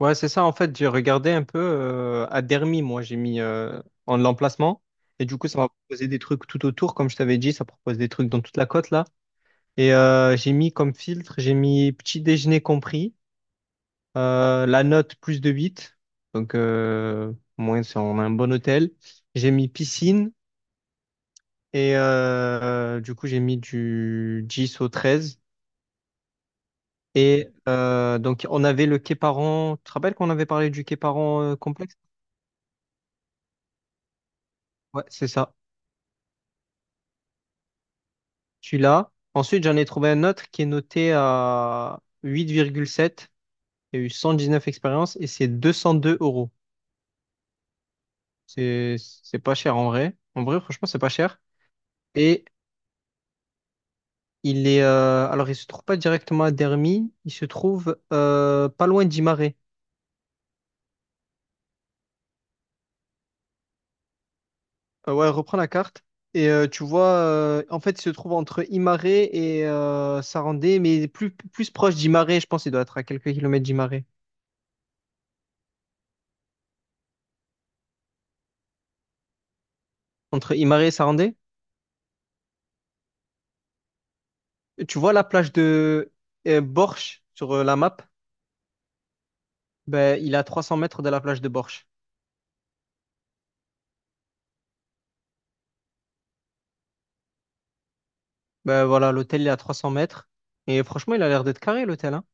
Ouais, c'est ça. En fait, j'ai regardé un peu à Dermy, moi, j'ai mis en l'emplacement. Et du coup, ça m'a proposé des trucs tout autour. Comme je t'avais dit, ça propose des trucs dans toute la côte, là. Et j'ai mis comme filtre, j'ai mis petit déjeuner compris, la note plus de huit. Donc, au moins, on a un bon hôtel. J'ai mis piscine. Et du coup, j'ai mis du 10 au 13. Et donc, on avait le Quai Parent. Tu te rappelles qu'on avait parlé du Quai Parent complexe? Ouais, c'est ça. Celui-là. Ensuite, j'en ai trouvé un autre qui est noté à 8,7. Il y a eu 119 expériences et c'est 202 euros. C'est, c'est pas cher en vrai. En vrai, franchement, c'est pas cher. Et il est, alors, il se trouve pas directement à Dermy. Il se trouve pas loin d'Imaré. Ouais, reprends la carte. Et tu vois, en fait, il se trouve entre Imaré et Sarandé, mais plus proche d'Imaré, je pense qu'il doit être à quelques kilomètres d'Imaré. Entre Imaré et Sarandé? Tu vois la plage de Borch sur la map? Ben, il est à 300 mètres de la plage de Borch. Ben voilà, l'hôtel il est à 300 mètres. Et franchement, il a l'air d'être carré l'hôtel, hein.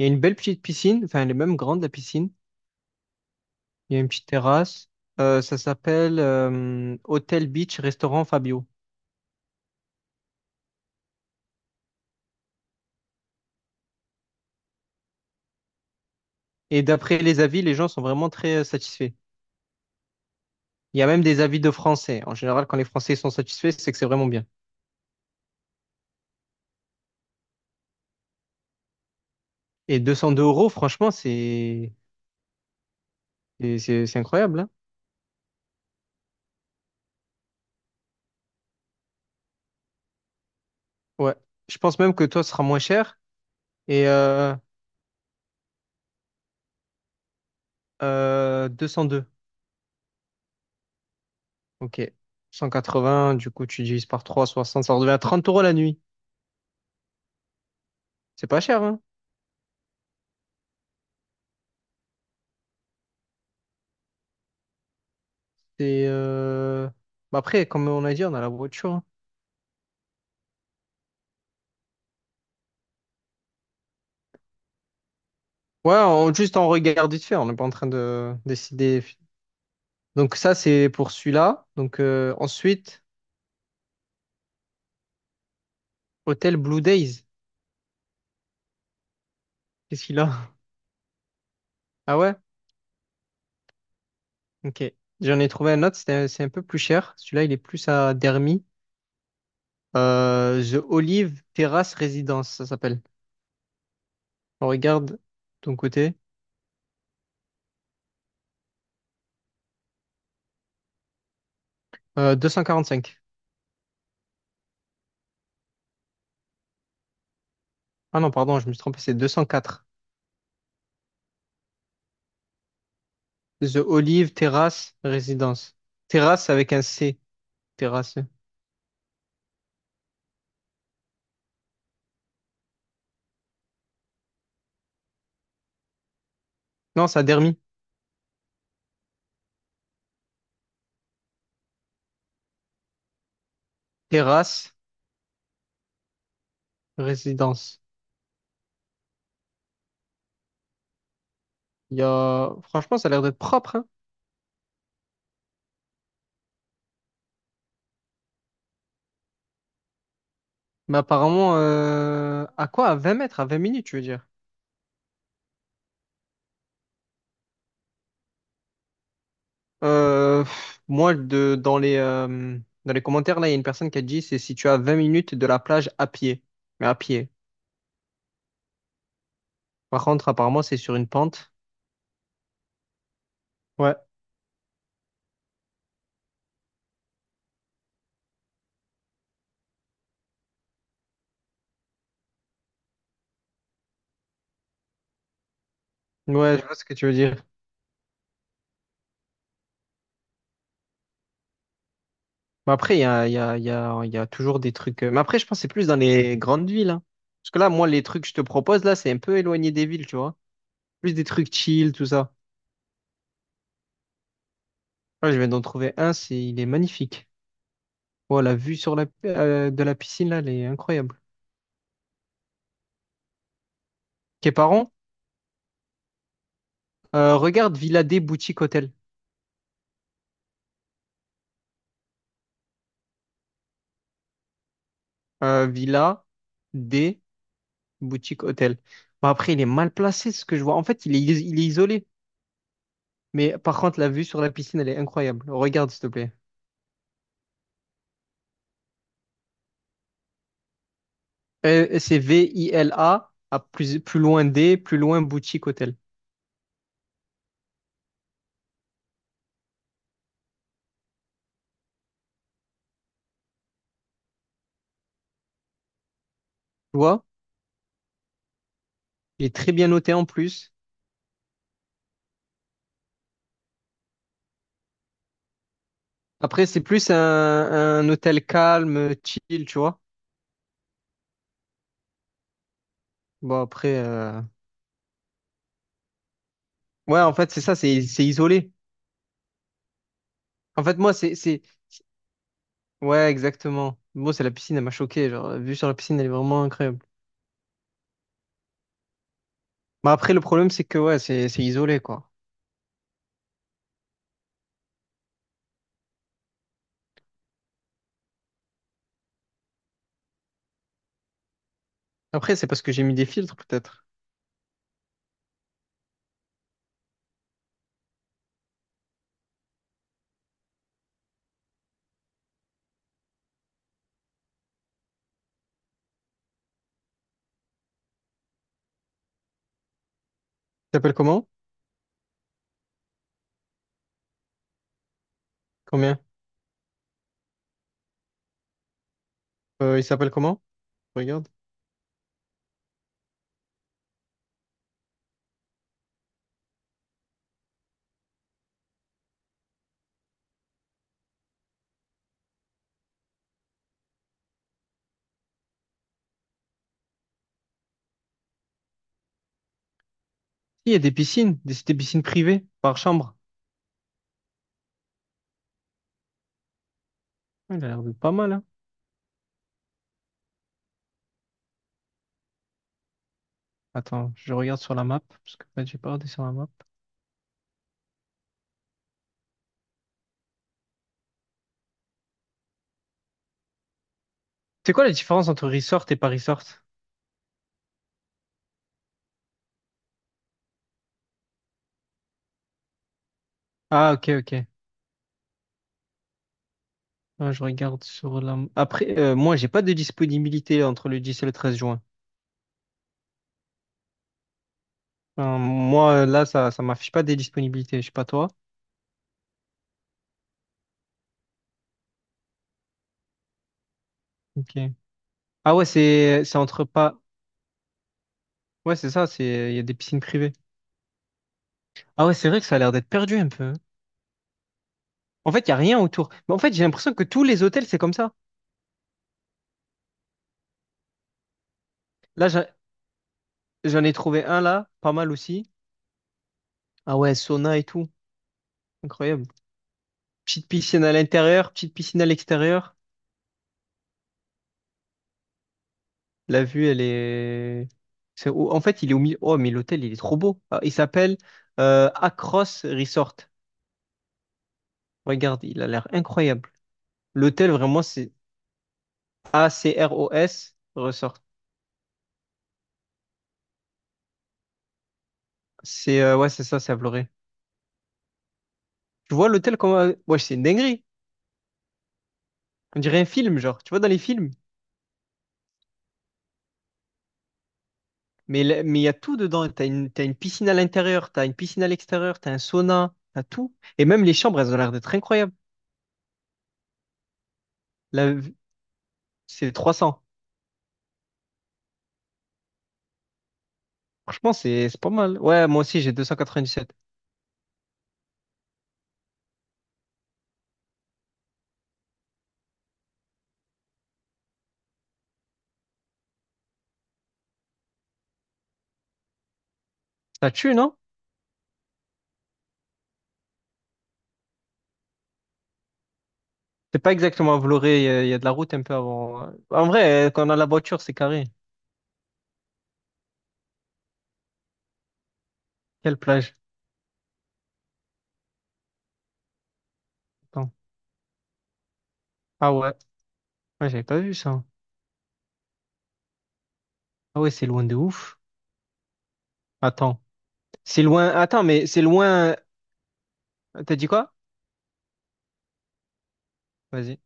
Il y a une belle petite piscine, enfin elle est même grande la piscine. Il y a une petite terrasse. Ça s'appelle Hôtel Beach Restaurant Fabio. Et d'après les avis, les gens sont vraiment très satisfaits. Il y a même des avis de Français. En général, quand les Français sont satisfaits, c'est que c'est vraiment bien. Et 202 euros, franchement, c'est incroyable, hein. Ouais. Je pense même que toi, ce sera moins cher. Et 202. Ok. 180, du coup, tu divises par 3 60, ça redevient à 30 € la nuit. C'est pas cher, hein? C'est. Bah après, comme on a dit, on a la voiture, hein. Ouais, juste en regarde vite fait, on n'est pas en train de décider. Donc, ça, c'est pour celui-là. Donc, ensuite, hôtel Blue Days. Qu'est-ce qu'il a? Ah ouais? Ok. J'en ai trouvé un autre, c'est un peu plus cher. Celui-là, il est plus à Dermy. The Olive Terrace Residence, ça s'appelle. On regarde ton côté. 245. Ah non, pardon, je me suis trompé, c'est 204. The Olive Terrace Résidence. Terrace avec un C. Terrace. Non, ça a dermis. Terrace Résidence. Il y a... Franchement, ça a l'air d'être propre, hein. Mais apparemment, à quoi? À 20 mètres, à 20 minutes, tu veux dire? Moi, dans les commentaires, là, il y a une personne qui a dit c'est si tu as 20 minutes de la plage à pied. Mais à pied. Par contre, apparemment, c'est sur une pente. Ouais. Ouais, je vois ce que tu veux dire. Mais après, il y a, il y a, il y a, il y a toujours des trucs. Mais après, je pense que c'est plus dans les grandes villes, hein. Parce que là, moi, les trucs que je te propose, là, c'est un peu éloigné des villes, tu vois. Plus des trucs chill, tout ça. Là, je viens d'en trouver un, il est magnifique. Oh, la vue sur la, de la piscine, là, elle est incroyable. Képaron, regarde Villa D Boutique Hôtel. Villa D Boutique Hôtel. Bon, après, il est mal placé, ce que je vois. En fait, il est isolé. Mais par contre, la vue sur la piscine, elle est incroyable. Regarde, s'il te plaît. C'est Vila, à plus loin D, plus loin boutique hôtel. Tu vois? Il est très bien noté en plus. Après, c'est plus un, hôtel calme, chill, tu vois? Bon, après, ouais, en fait, c'est ça, c'est isolé. En fait, moi, c'est- ouais, exactement. Bon, c'est la piscine, elle m'a choqué. Genre, vue sur la piscine, elle est vraiment incroyable. Mais après, le problème, c'est que, ouais, c'est isolé, quoi. Après, c'est parce que j'ai mis des filtres, peut-être. Il s'appelle comment? Combien? Il s'appelle comment? Regarde. Il y a des piscines, des piscines privées par chambre. Ouais, il a l'air de pas mal, hein. Attends, je regarde sur la map, parce que là, j'ai pas regardé sur la map. C'est quoi la différence entre resort et pas resort? Ah, ok, ok. Ah, je regarde sur la... Après, moi, j'ai pas de disponibilité entre le 10 et le 13 juin. Enfin, moi, là, ça m'affiche pas des disponibilités, je sais pas toi. Ok. Ah ouais, c'est entre pas... Ouais, c'est ça, il y a des piscines privées. Ah ouais, c'est vrai que ça a l'air d'être perdu un peu, hein. En fait, il y a rien autour. Mais en fait, j'ai l'impression que tous les hôtels, c'est comme ça. Là, j'en ai trouvé un là, pas mal aussi. Ah ouais, sauna et tout. Incroyable. Petite piscine à l'intérieur, petite piscine à l'extérieur. La vue, elle est. En fait, il est au milieu. Oh, mais l'hôtel, il est trop beau. Ah, il s'appelle Acros Resort. Regarde, il a l'air incroyable. L'hôtel, vraiment, c'est Acros Resort. C'est ouais, c'est ça, c'est à Vloré. Tu vois l'hôtel comment. Ouais, c'est une dinguerie. On dirait un film, genre. Tu vois dans les films. Mais il y a tout dedans. T'as une piscine à l'intérieur, t'as une piscine à l'extérieur, t'as un sauna, t'as tout. Et même les chambres, elles ont l'air d'être incroyables. La... C'est 300. Franchement, c'est pas mal. Ouais, moi aussi, j'ai 297. Ça tue, non? C'est pas exactement à Vloré, il y a de la route un peu avant. En vrai, quand on a la voiture, c'est carré. Quelle plage? Attends. Ah ouais, ouais, j'avais pas vu ça. Ah ouais, c'est loin de ouf. Attends. C'est loin. Attends, mais c'est loin. T'as dit quoi? Vas-y.